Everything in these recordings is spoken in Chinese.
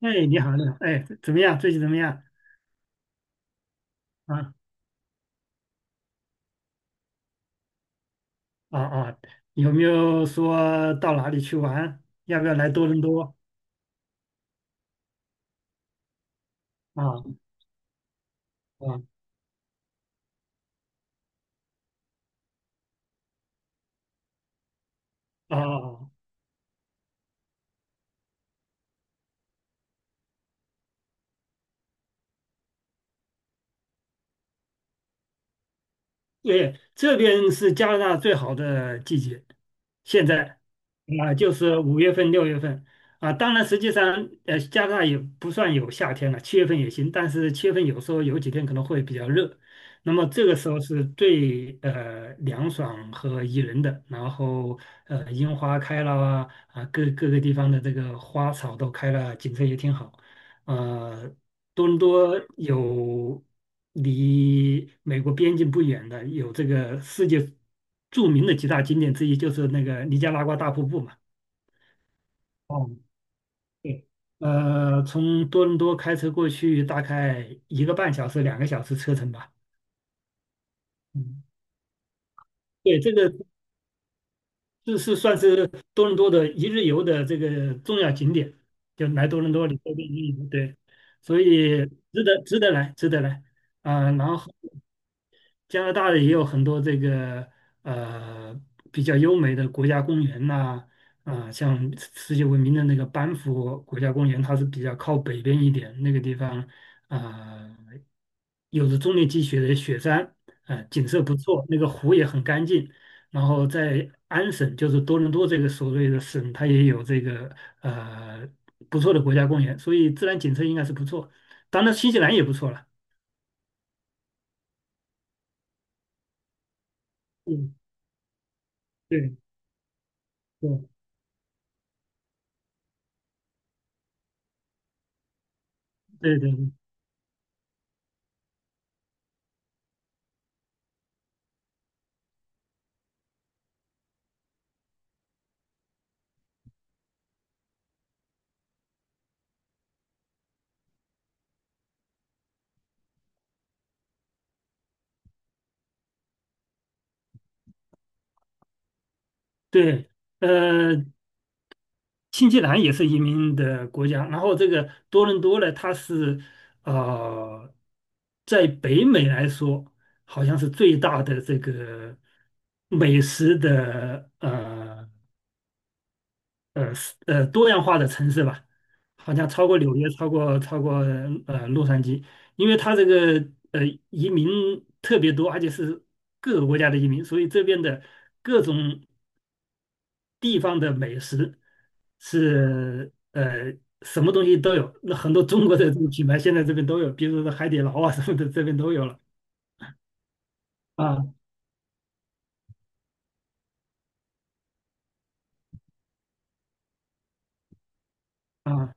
哎，你好，你好，哎，怎么样？最近怎么样？啊啊啊，有没有说到哪里去玩？要不要来多伦多？啊啊啊啊！对，这边是加拿大最好的季节，现在啊，就是5月份、6月份啊。当然，实际上加拿大也不算有夏天了，七月份也行，但是七月份有时候有几天可能会比较热。那么这个时候是最凉爽和宜人的，然后樱花开了啊，各个地方的这个花草都开了，景色也挺好。呃，多伦多有离美国边境不远的，有这个世界著名的几大景点之一，就是那个尼加拉瓜大瀑布嘛。哦，对，从多伦多开车过去大概1个半小时、2个小时车程吧。嗯，对，这是算是多伦多的一日游的这个重要景点，就来多伦多你周边一日游，对，所以值得来，值得来啊、然后加拿大的也有很多这个呃比较优美的国家公园呐、啊，像世界闻名的那个班夫国家公园，它是比较靠北边一点，那个地方啊、有着终年积雪的雪山，景色不错，那个湖也很干净。然后在安省，就是多伦多这个所谓的省，它也有这个呃不错的国家公园，所以自然景色应该是不错。当然，新西兰也不错了。嗯，对对对对对。对，呃，新西兰也是移民的国家，然后这个多伦多呢，它是呃，在北美来说，好像是最大的这个美食的是多样化的城市吧，好像超过纽约，超过洛杉矶，因为它这个呃移民特别多，而且是各个国家的移民，所以这边的各种，地方的美食是什么东西都有，那很多中国的这个品牌现在这边都有，比如说海底捞啊什么的，这边都有了。啊啊，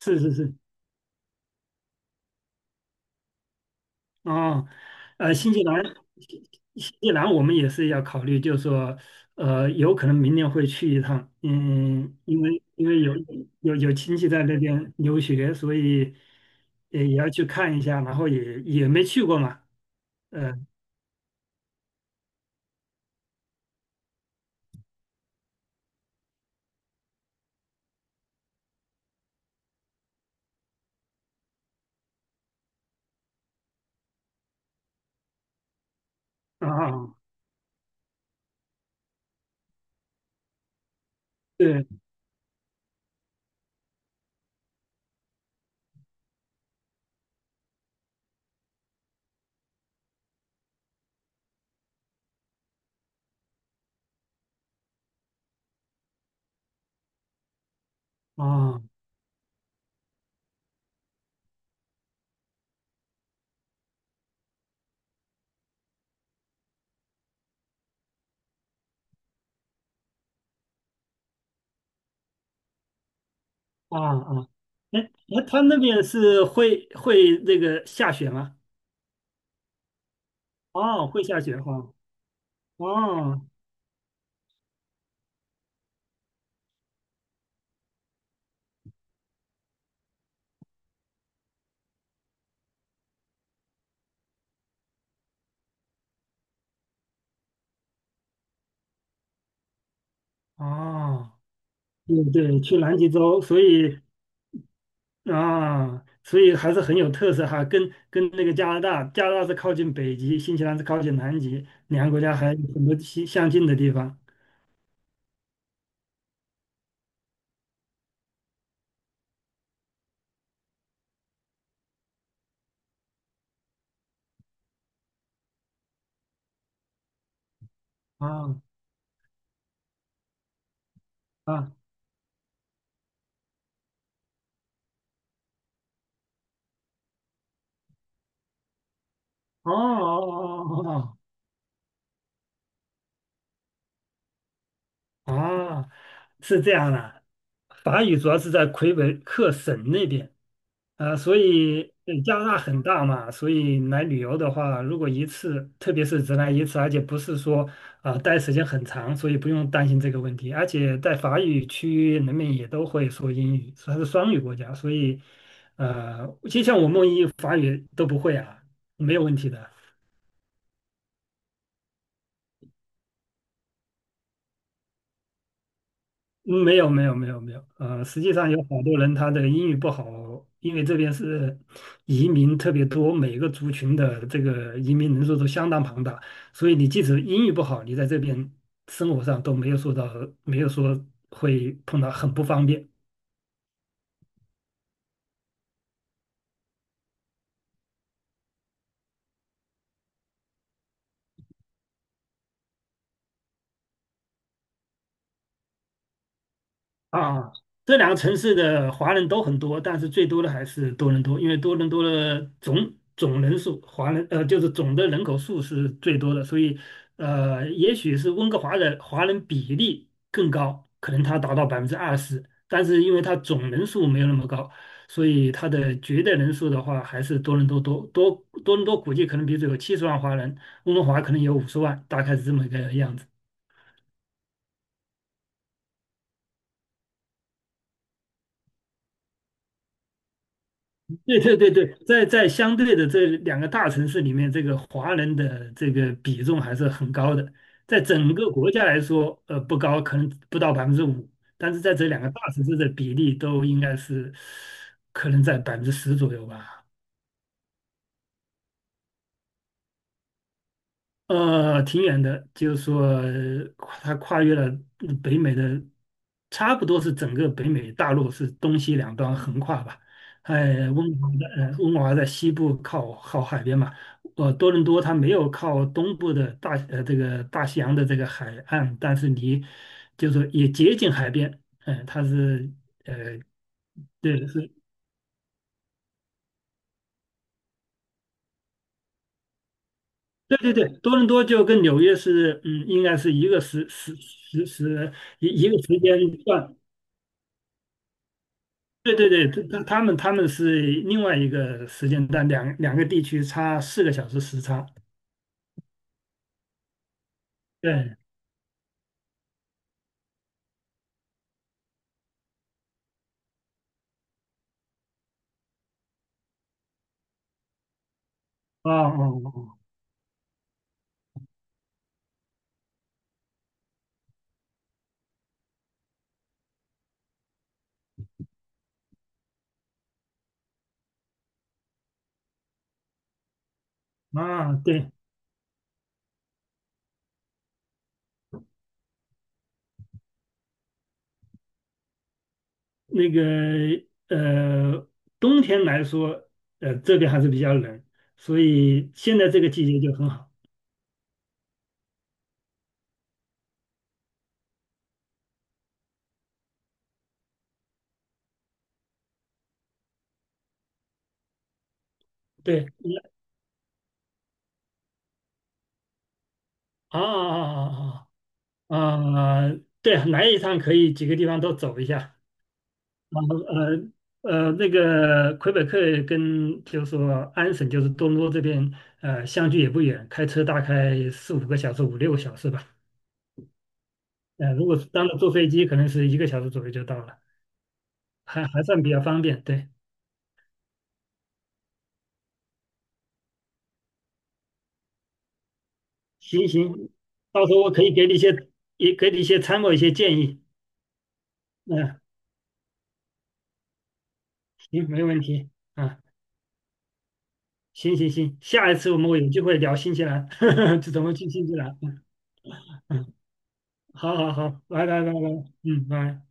是是是，啊，新西兰，新新西兰我们也是要考虑，就是说，有可能明年会去一趟，嗯，因为有亲戚在那边留学，所以也要去看一下，然后也没去过嘛，嗯、呃啊，对啊。啊啊，哎哎，他那边是会那个下雪吗？哦，会下雪哈。哦哦，对对，去南极洲，所以啊，所以还是很有特色哈。跟那个加拿大，加拿大是靠近北极，新西兰是靠近南极，两个国家还有很多相近的地方。啊啊，哦哦哦哦哦。哦，是这样的，法语主要是在魁北克省那边，所以对加拿大很大嘛，所以来旅游的话，如果一次，特别是只来一次，而且不是说啊、待时间很长，所以不用担心这个问题。而且在法语区人们也都会说英语，它是双语国家，所以就像我们一法语都不会啊，没有问题的。嗯，没有没有没有没有，实际上有好多人他的英语不好，因为这边是移民特别多，每个族群的这个移民人数都相当庞大，所以你即使英语不好，你在这边生活上都没有受到，没有说会碰到很不方便。啊，这两个城市的华人都很多，但是最多的还是多伦多，因为多伦多的总人数，华人就是总的人口数是最多的，所以也许是温哥华的华人比例更高，可能它达到20%，但是因为它总人数没有那么高，所以它的绝对人数的话还是多伦多估计可能比如说有70万华人，温哥华可能有50万，大概是这么一个样子。对对对对，在相对的这两个大城市里面，这个华人的这个比重还是很高的。在整个国家来说，不高，可能不到5%，但是在这两个大城市的比例都应该是可能在10%左右吧。挺远的，就是说它跨越了北美的，差不多是整个北美大陆是东西两端横跨吧。哎，温哥华在西部靠海边嘛，多伦多它没有靠东部的这个大西洋的这个海岸，但是离就是说也接近海边，嗯、它是呃对是。对对对，多伦多就跟纽约是，嗯，应该是一个时时时时一一个时间段，对对对，他们是另外一个时间段，两个地区差4个小时时差。对，哦哦哦，啊，对，那个呃，冬天来说，这边还是比较冷，所以现在这个季节就很好。对，啊啊啊啊啊啊，啊对，来一趟可以几个地方都走一下。然后那个魁北克跟就是说安省，就是多伦多这边，相距也不远，开车大概四五个小时、五六个小时吧。如果是当然坐飞机，可能是1个小时左右就到了，还算比较方便。对，行行，到时候我可以给你一些，也给你一些参谋、一些建议。嗯、行，没问题。啊，行行行，下一次我们有机会聊新西兰，就怎么去新西兰。嗯，嗯好好好，拜拜拜拜，嗯，拜。